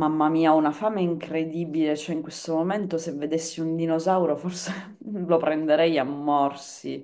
Mamma mia, ho una fame incredibile, cioè in questo momento se vedessi un dinosauro forse lo prenderei a morsi.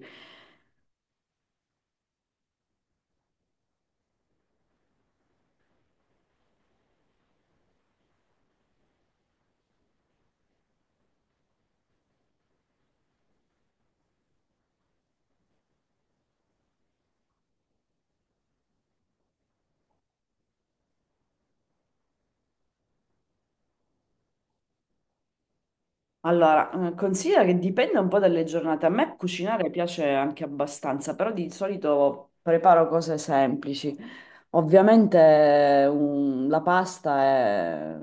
Allora, considera che dipende un po' dalle giornate. A me cucinare piace anche abbastanza, però di solito preparo cose semplici. La pasta è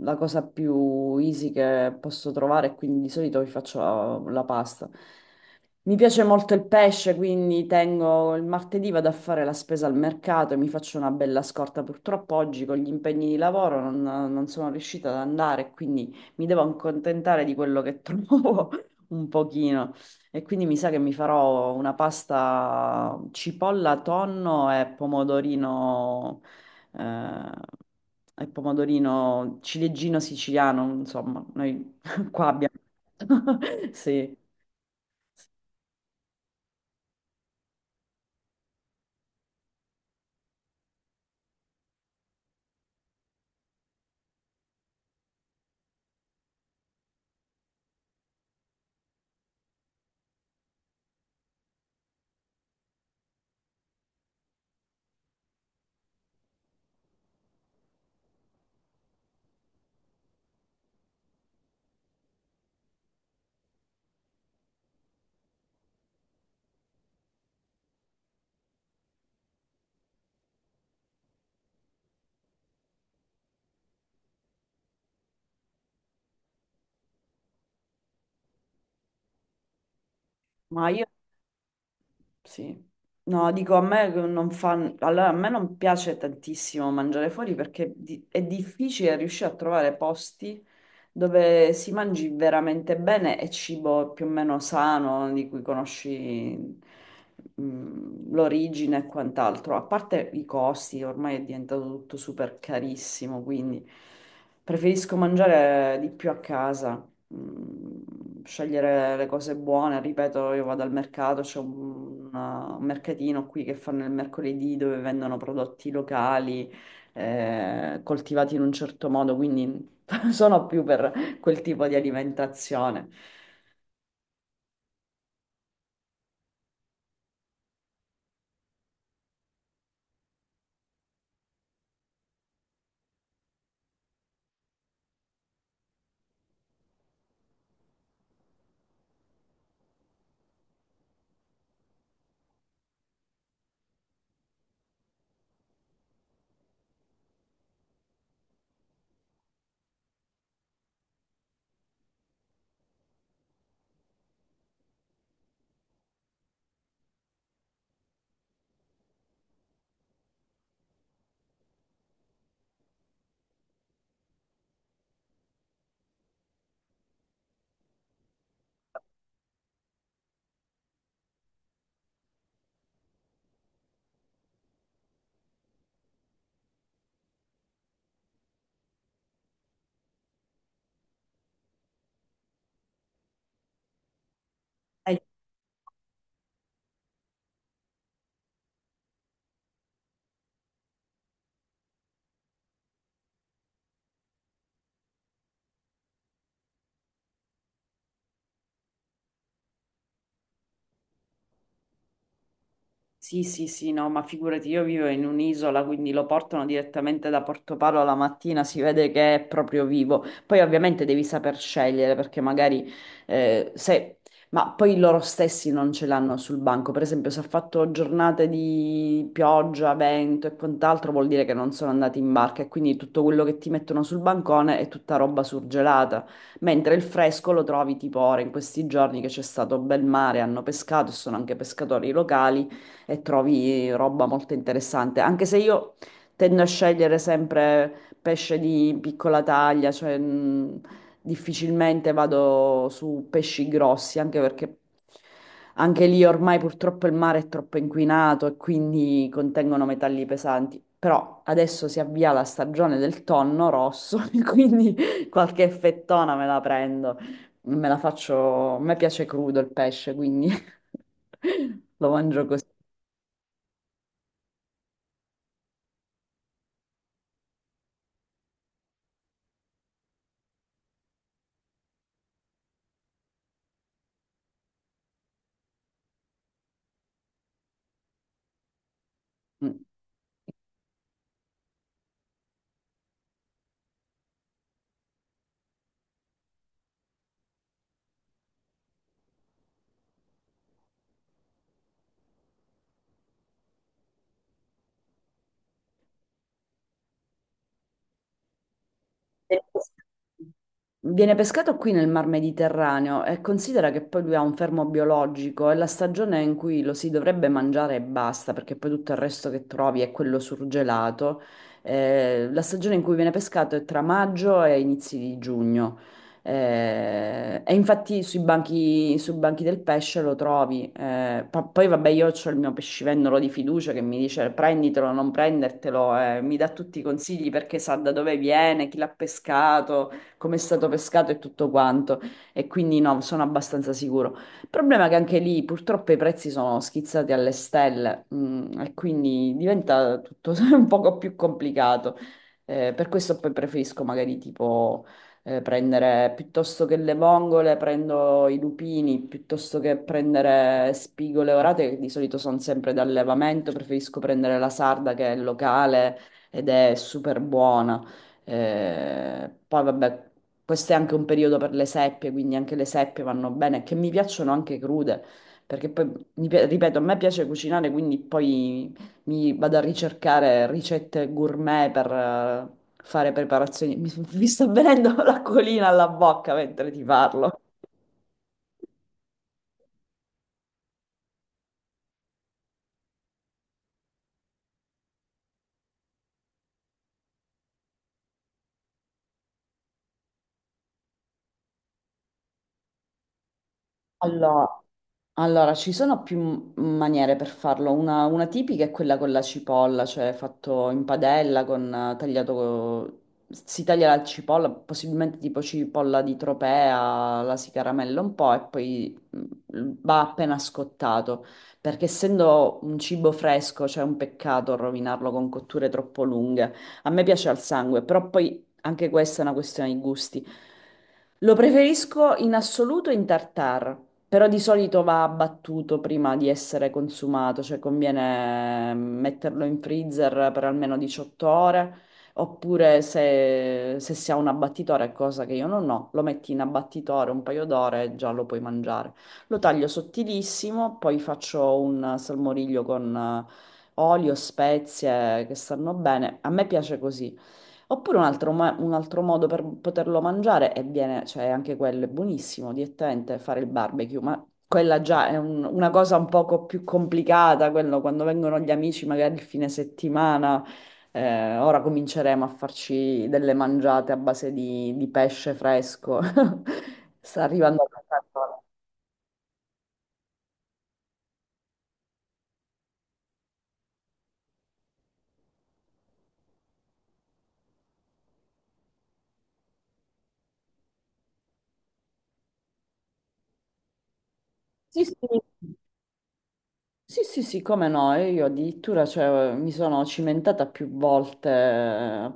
la cosa più easy che posso trovare, quindi di solito vi faccio la pasta. Mi piace molto il pesce, quindi tengo il martedì vado a fare la spesa al mercato e mi faccio una bella scorta. Purtroppo oggi con gli impegni di lavoro non sono riuscita ad andare, quindi mi devo accontentare di quello che trovo un pochino. E quindi mi sa che mi farò una pasta cipolla, tonno eh, e pomodorino ciliegino siciliano, insomma, noi qua abbiamo. Sì. Ma io sì. No, dico a me non fa... Allora, a me non piace tantissimo mangiare fuori perché è difficile riuscire a trovare posti dove si mangi veramente bene e cibo più o meno sano, di cui conosci l'origine e quant'altro. A parte i costi, ormai è diventato tutto super carissimo, quindi preferisco mangiare di più a casa, scegliere le cose buone. Ripeto, io vado al mercato, c'è un mercatino qui che fanno il mercoledì dove vendono prodotti locali, coltivati in un certo modo, quindi sono più per quel tipo di alimentazione. E sì, sì, sì, no, ma figurati, io vivo in un'isola, quindi lo portano direttamente da Porto Portopalo la mattina, si vede che è proprio vivo. Poi ovviamente devi saper scegliere, perché magari se... Ma poi loro stessi non ce l'hanno sul banco. Per esempio, se ha fatto giornate di pioggia, vento e quant'altro, vuol dire che non sono andati in barca e quindi tutto quello che ti mettono sul bancone è tutta roba surgelata. Mentre il fresco lo trovi tipo ora, in questi giorni che c'è stato bel mare, hanno pescato e sono anche pescatori locali e trovi roba molto interessante. Anche se io tendo a scegliere sempre pesce di piccola taglia, cioè difficilmente vado su pesci grossi, anche perché anche lì ormai purtroppo il mare è troppo inquinato e quindi contengono metalli pesanti. Però adesso si avvia la stagione del tonno rosso, e quindi qualche fettona me la prendo. Me la faccio, a me piace crudo il pesce, quindi lo mangio così. Mm. Viene pescato. Viene pescato qui nel Mar Mediterraneo e considera che poi lui ha un fermo biologico e la stagione in cui lo si dovrebbe mangiare e basta, perché poi tutto il resto che trovi è quello surgelato. La stagione in cui viene pescato è tra maggio e inizi di giugno. E infatti sui banchi del pesce lo trovi. Poi vabbè, io ho il mio pescivendolo di fiducia che mi dice prenditelo, non prendertelo, mi dà tutti i consigli perché sa da dove viene, chi l'ha pescato, come è stato pescato e tutto quanto. E quindi no, sono abbastanza sicuro. Il problema è che anche lì purtroppo i prezzi sono schizzati alle stelle, e quindi diventa tutto un poco più complicato. Per questo poi preferisco magari tipo prendere piuttosto che le vongole, prendo i lupini, piuttosto che prendere spigole orate, che di solito sono sempre d'allevamento, preferisco prendere la sarda che è locale ed è super buona. Poi vabbè, questo è anche un periodo per le seppie, quindi anche le seppie vanno bene, che mi piacciono anche crude, perché poi, ripeto, a me piace cucinare, quindi poi mi vado a ricercare ricette gourmet per fare preparazioni. Mi sta venendo l'acquolina alla bocca mentre ti parlo. Allora, allora, ci sono più maniere per farlo. Una tipica è quella con la cipolla, cioè fatto in padella, con, tagliato, si taglia la cipolla, possibilmente tipo cipolla di tropea, la si caramella un po' e poi va appena scottato, perché essendo un cibo fresco, c'è un peccato rovinarlo con cotture troppo lunghe. A me piace al sangue, però poi anche questa è una questione di gusti. Lo preferisco in assoluto in tartare, però di solito va abbattuto prima di essere consumato, cioè conviene metterlo in freezer per almeno 18 ore, oppure se si ha un abbattitore, cosa che io non ho, lo metti in abbattitore un paio d'ore e già lo puoi mangiare. Lo taglio sottilissimo, poi faccio un salmoriglio con eh, olio, spezie che stanno bene. A me piace così. Oppure un altro modo per poterlo mangiare e viene, cioè anche quello è buonissimo, direttamente fare il barbecue, ma quella già è una cosa un poco più complicata, quello quando vengono gli amici magari il fine settimana, ora cominceremo a farci delle mangiate a base di pesce fresco. Sta arrivando la stagione. Sì, sì. Sì, sì, sì, come no, e io addirittura cioè, mi sono cimentata più volte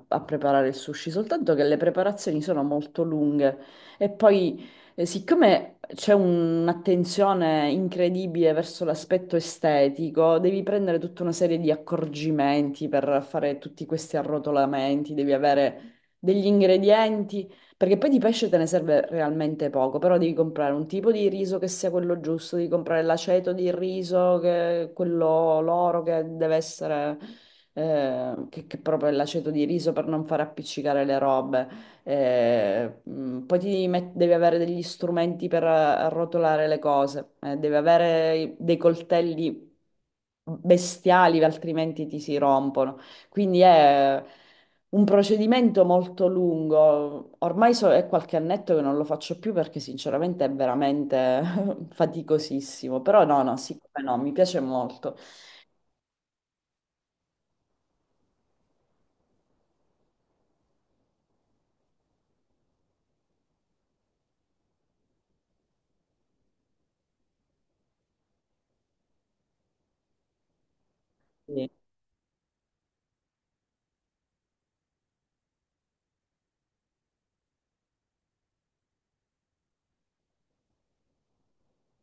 a preparare il sushi, soltanto che le preparazioni sono molto lunghe e poi siccome c'è un'attenzione incredibile verso l'aspetto estetico, devi prendere tutta una serie di accorgimenti per fare tutti questi arrotolamenti, devi avere degli ingredienti perché poi di pesce te ne serve realmente poco, però devi comprare un tipo di riso che sia quello giusto, devi comprare l'aceto di riso, quello l'oro che deve essere, che proprio è l'aceto di riso per non far appiccicare le robe. Poi ti devi, devi avere degli strumenti per arrotolare le cose, devi avere dei coltelli bestiali, altrimenti ti si rompono. Quindi è un procedimento molto lungo. Ormai è qualche annetto che non lo faccio più perché sinceramente è veramente faticosissimo. Però no, no, sì, come no, mi piace molto. Sì,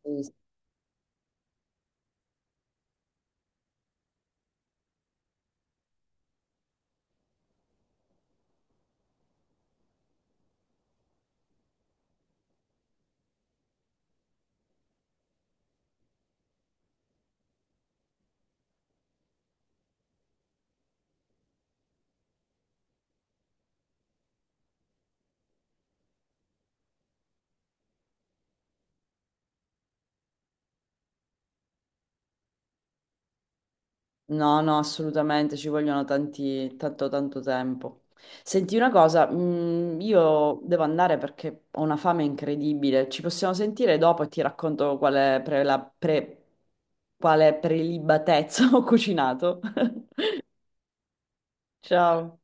sì, sì. No, no, assolutamente, ci vogliono tanti, tanto, tanto tempo. Senti una cosa, io devo andare perché ho una fame incredibile. Ci possiamo sentire dopo e ti racconto quale prelibatezza ho cucinato. Ciao.